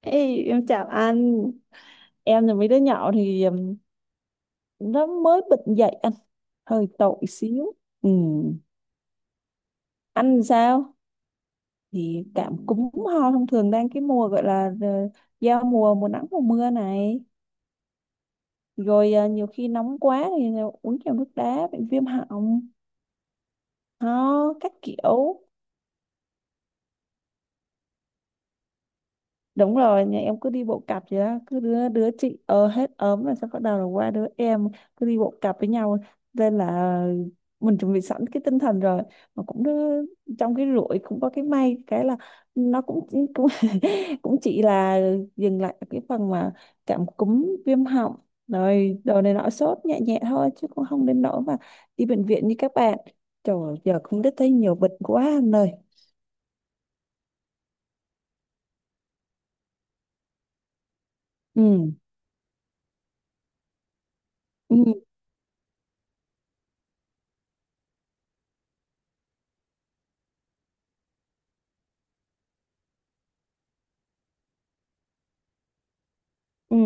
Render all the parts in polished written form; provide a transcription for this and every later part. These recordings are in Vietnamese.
Ê, em chào anh. Em là mấy đứa nhỏ thì nó mới bệnh dậy anh, hơi tội xíu. Ừ. Anh sao thì cảm cúm ho thông thường đang cái mùa gọi là giao mùa, mùa nắng mùa mưa này. Rồi nhiều khi nóng quá thì uống nhiều nước đá bị viêm họng, ho các kiểu. Đúng rồi, nhà em cứ đi bộ cặp vậy đó, cứ đứa đứa chị hết ốm là sẽ bắt đầu là qua đứa em, cứ đi bộ cặp với nhau, nên là mình chuẩn bị sẵn cái tinh thần rồi. Mà cũng trong cái rủi cũng có cái may, cái là nó cũng cũng cũng chỉ là dừng lại ở cái phần mà cảm cúm, viêm họng rồi đồ này nọ, sốt nhẹ nhẹ thôi chứ cũng không đến nỗi mà đi bệnh viện như các bạn. Trời ơi, giờ cũng biết thấy nhiều bệnh quá anh ơi. Ừ. Ừ. Ừ.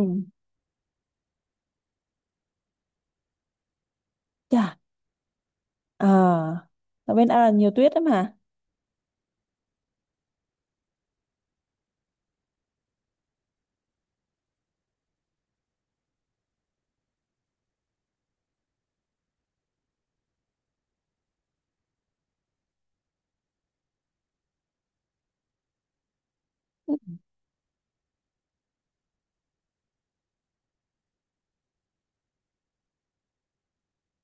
Chà. À, ở bên, nhiều tuyết lắm hả?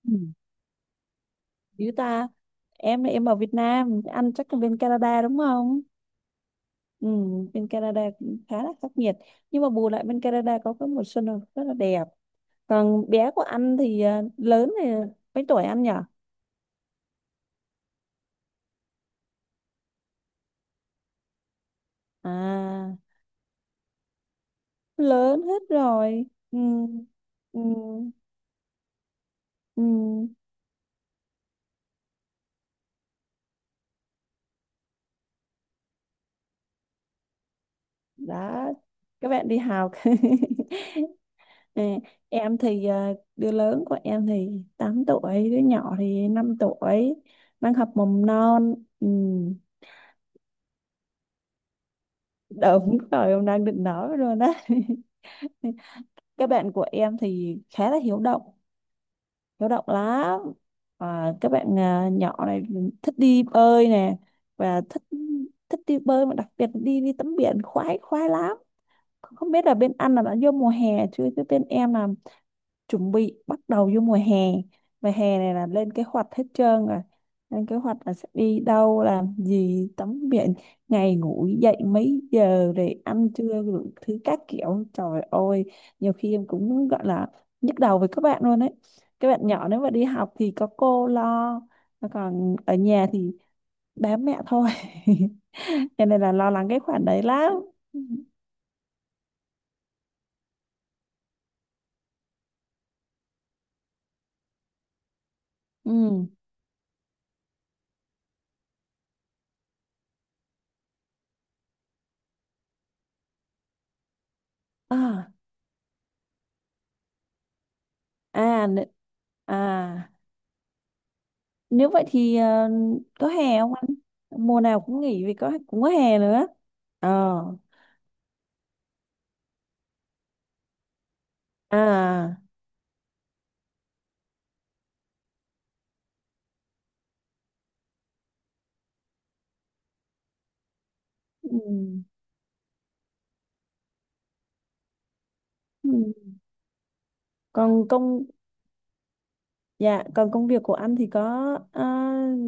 Ừ. Dữ ta, em ở Việt Nam, ăn chắc là bên Canada đúng không? Ừ, bên Canada cũng khá là khắc nghiệt. Nhưng mà bù lại bên Canada có cái mùa xuân là rất là đẹp. Còn bé của anh thì à, lớn thì mấy tuổi anh nhỉ? À, lớn hết rồi. Ừ, ừ, ừ. Đó, các bạn đi học. À, em thì à, đứa lớn của em thì 8 tuổi, đứa nhỏ thì 5 tuổi, đang học mầm non. Ừ, đúng rồi, em đang định nói rồi đó. Các bạn của em thì khá là hiếu động lắm. À, các bạn, nhỏ này thích đi bơi nè và thích thích đi bơi, mà đặc biệt là đi đi tắm biển, khoái khoái lắm. Không biết là bên anh là đã vô mùa hè chưa, chứ bên em là chuẩn bị bắt đầu vô mùa hè, và hè này là lên kế hoạch hết trơn rồi, lên kế hoạch là sẽ đi đâu làm gì, tắm biển, ngày ngủ dậy mấy giờ để ăn trưa, đủ thứ các kiểu, trời ơi. Nhiều khi em cũng gọi là nhức đầu với các bạn luôn ấy. Các bạn nhỏ nếu mà đi học thì có cô lo, mà còn ở nhà thì bám mẹ thôi. Cho nên là lo lắng cái khoản đấy lắm. Ừ. À. À, à. Nếu vậy thì có hè không anh? Mùa nào cũng nghỉ vì có, cũng có hè nữa. Ờ. À. Ừ. Ừ. Còn công Dạ, còn công việc của anh thì có ờ,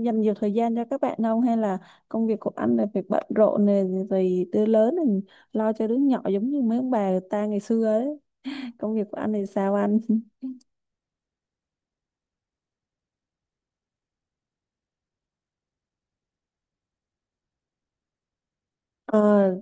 dành nhiều thời gian cho các bạn không, hay là công việc của anh là việc bận rộn này rồi đứa lớn này lo cho đứa nhỏ giống như mấy ông bà người ta ngày xưa ấy? Công việc của anh thì sao anh? Ờ.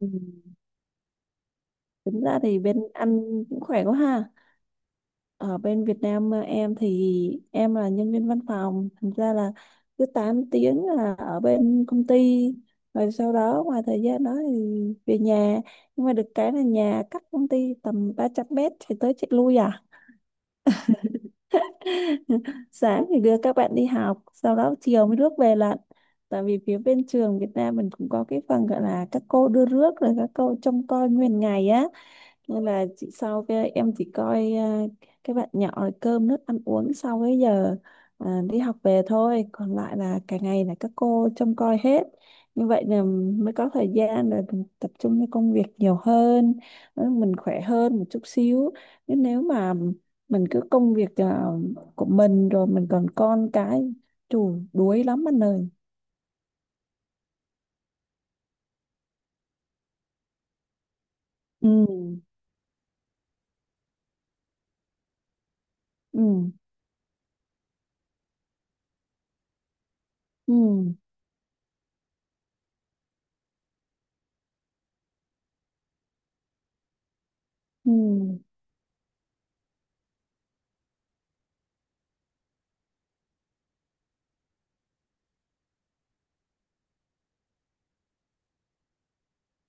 Ừ. Tính ra thì bên anh cũng khỏe quá ha. Ở bên Việt Nam, em thì em là nhân viên văn phòng, thành ra là cứ 8 tiếng là ở bên công ty, rồi sau đó ngoài thời gian đó thì về nhà, nhưng mà được cái là nhà cách công ty tầm 300 mét, chạy tới chạy lui à. Sáng thì đưa các bạn đi học, sau đó chiều mới rước về lận, tại vì phía bên trường Việt Nam mình cũng có cái phần gọi là các cô đưa rước rồi các cô trông coi nguyên ngày á, nên là chị, sau cái em chỉ coi à, cái bạn nhỏ là cơm nước ăn uống sau cái giờ đi học về thôi, còn lại là cả ngày là các cô trông coi hết. Như vậy là mới có thời gian để mình tập trung cho công việc nhiều hơn, mình khỏe hơn một chút xíu. Nhưng nếu mà mình cứ công việc của mình rồi mình còn con cái, chù đuối lắm anh ơi. Ừ. Ừ. Ừ. Ừ.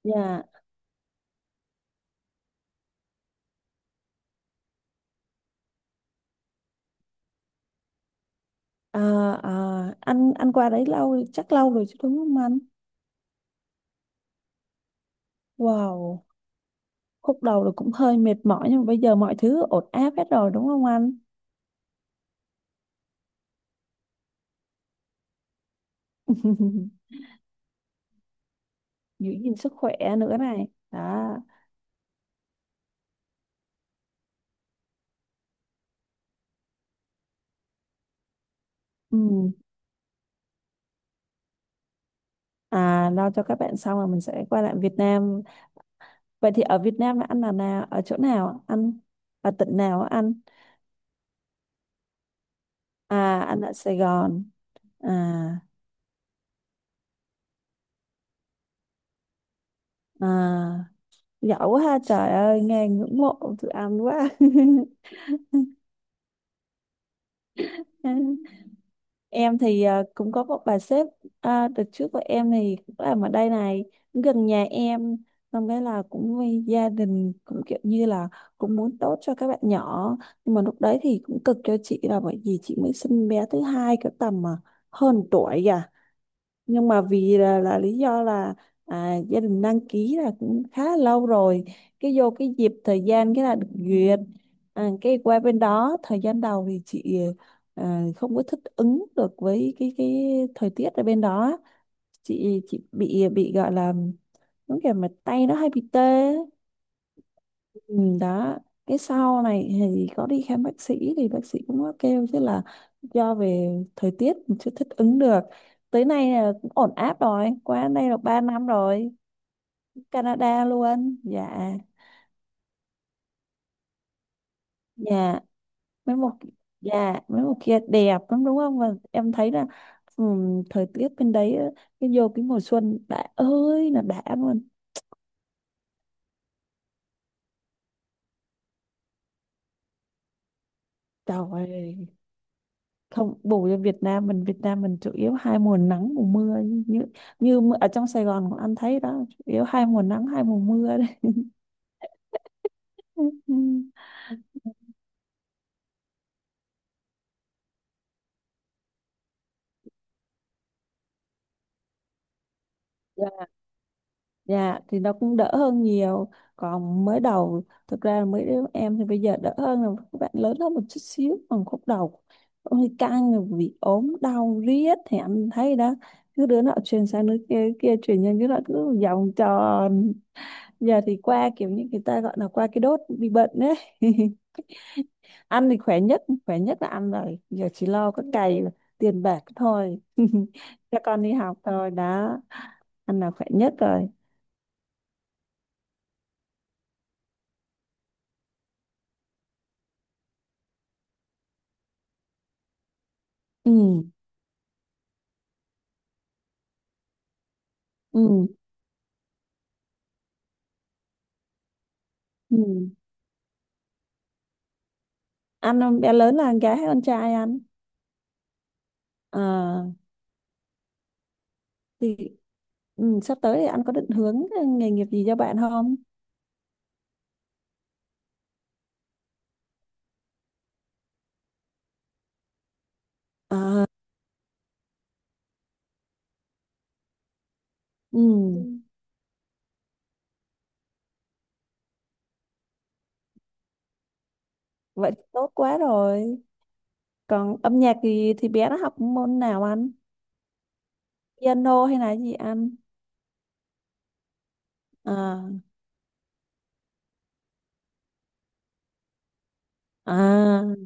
Dạ. À. À, anh qua đấy lâu, chắc lâu rồi chứ đúng không anh? Wow, khúc đầu là cũng hơi mệt mỏi nhưng mà bây giờ mọi thứ ổn áp hết rồi đúng không anh? Giữ gìn sức khỏe nữa này. Đó. Ừ. À, lo cho các bạn xong là mình sẽ quay lại Việt Nam. Vậy thì ở Việt Nam là anh là nào? Ở chỗ nào ạ anh? Ở tỉnh nào á anh? À, anh ở Sài Gòn. À, à, giỏi quá ha, trời ơi, nghe ngưỡng mộ tụi anh quá. Em thì cũng có một bà sếp, đợt trước của em thì cũng làm ở đây này, cũng gần nhà em, xong cái là cũng vì gia đình, cũng kiểu như là cũng muốn tốt cho các bạn nhỏ. Nhưng mà lúc đấy thì cũng cực cho chị, là bởi vì chị mới sinh bé thứ hai cái tầm mà hơn tuổi kìa, nhưng mà vì là lý do là gia đình đăng ký là cũng khá là lâu rồi, cái vô cái dịp thời gian cái là được duyệt. Cái qua bên đó thời gian đầu thì chị không có thích ứng được với cái thời tiết ở bên đó. Chị bị gọi là giống kiểu mà tay nó hay bị tê. Ừ, đó. Cái sau này thì có đi khám bác sĩ, thì bác sĩ cũng có kêu chứ là do về thời tiết mình chưa thích ứng được. Tới nay là cũng ổn áp rồi, qua đây là 3 năm rồi. Canada luôn, dạ. dạ mấy một dạ mấy một kia đẹp lắm đúng không, và em thấy là thời tiết bên đấy á, cái vô cái mùa xuân đã ơi là đã luôn, trời ơi. Không bù cho Việt Nam mình, Việt Nam mình chủ yếu hai mùa nắng mùa mưa, như như mưa- ở trong Sài Gòn cũng anh thấy đó, chủ yếu hai mùa nắng, hai mùa mưa đấy. Dạ. Dạ thì nó cũng đỡ hơn nhiều. Còn mới đầu thực ra là mấy đứa em thì bây giờ đỡ hơn rồi, các bạn lớn hơn một chút xíu. Còn khúc đầu ôi căng, rồi bị ốm đau riết thì anh thấy đó, cứ đứa nọ truyền sang đứa kia, đứa kia truyền sang đứa nọ, cứ vòng tròn. Giờ thì qua, kiểu như người ta gọi là qua cái đốt bị bệnh đấy. Ăn thì khỏe nhất, khỏe nhất là ăn rồi, giờ chỉ lo có cày tiền bạc thôi. Cho con đi học thôi đó, ăn là khỏe nhất rồi. Ừ. Ừ. Ừ. Ăn không? Bé lớn là con gái hay con trai ăn? À, thì ừ, sắp tới thì anh có định hướng nghề nghiệp gì cho bạn không? À. Ừ, vậy thì tốt quá rồi. Còn âm nhạc thì bé nó học môn nào anh? Piano hay là gì anh? À. À.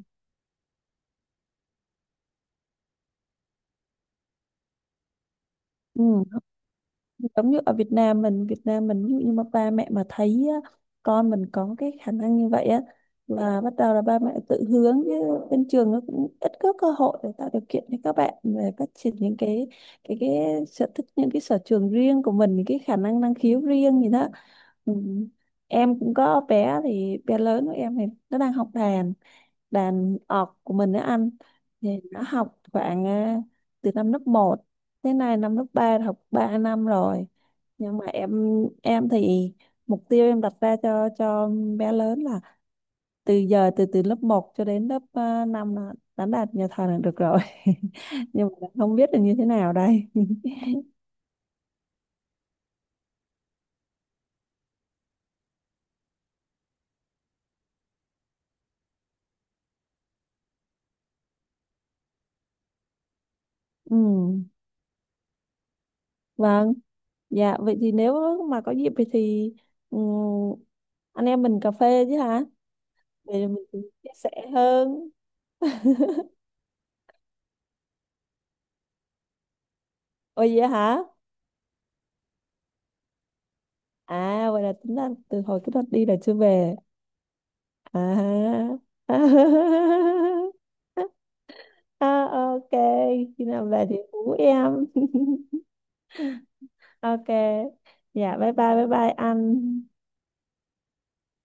Ừ. Giống như ở Việt Nam mình, Việt Nam mình ví dụ như mà ba mẹ mà thấy á, con mình có cái khả năng như vậy á, là bắt đầu là ba mẹ tự hướng chứ bên trường nó cũng ít có cơ hội để tạo điều kiện cho các bạn về phát triển những cái cái sở thích, những cái sở trường riêng của mình, những cái khả năng năng khiếu riêng gì đó. Ừ. Em cũng có bé, thì bé lớn của em thì nó đang học đàn, đàn ọt của mình đó anh, thì nó học khoảng từ năm lớp 1, thế này năm lớp 3, học 3 năm rồi. Nhưng mà em thì mục tiêu em đặt ra cho bé lớn là từ giờ, từ từ lớp 1 cho đến lớp 5 là đánh đạt nhà thờ là được rồi. Nhưng mà không biết là như thế nào đây. Ừ. Vâng. Dạ vậy thì nếu mà có dịp thì ừ, anh em mình cà phê chứ hả? Vậy là mình cũng chia sẻ hơn. Ôi vậy hả? À vậy là tính là từ hồi cái đợt đi là chưa về. À. À, ok, khi nào về thì hú em. Ok. Dạ bye bye bye bye anh.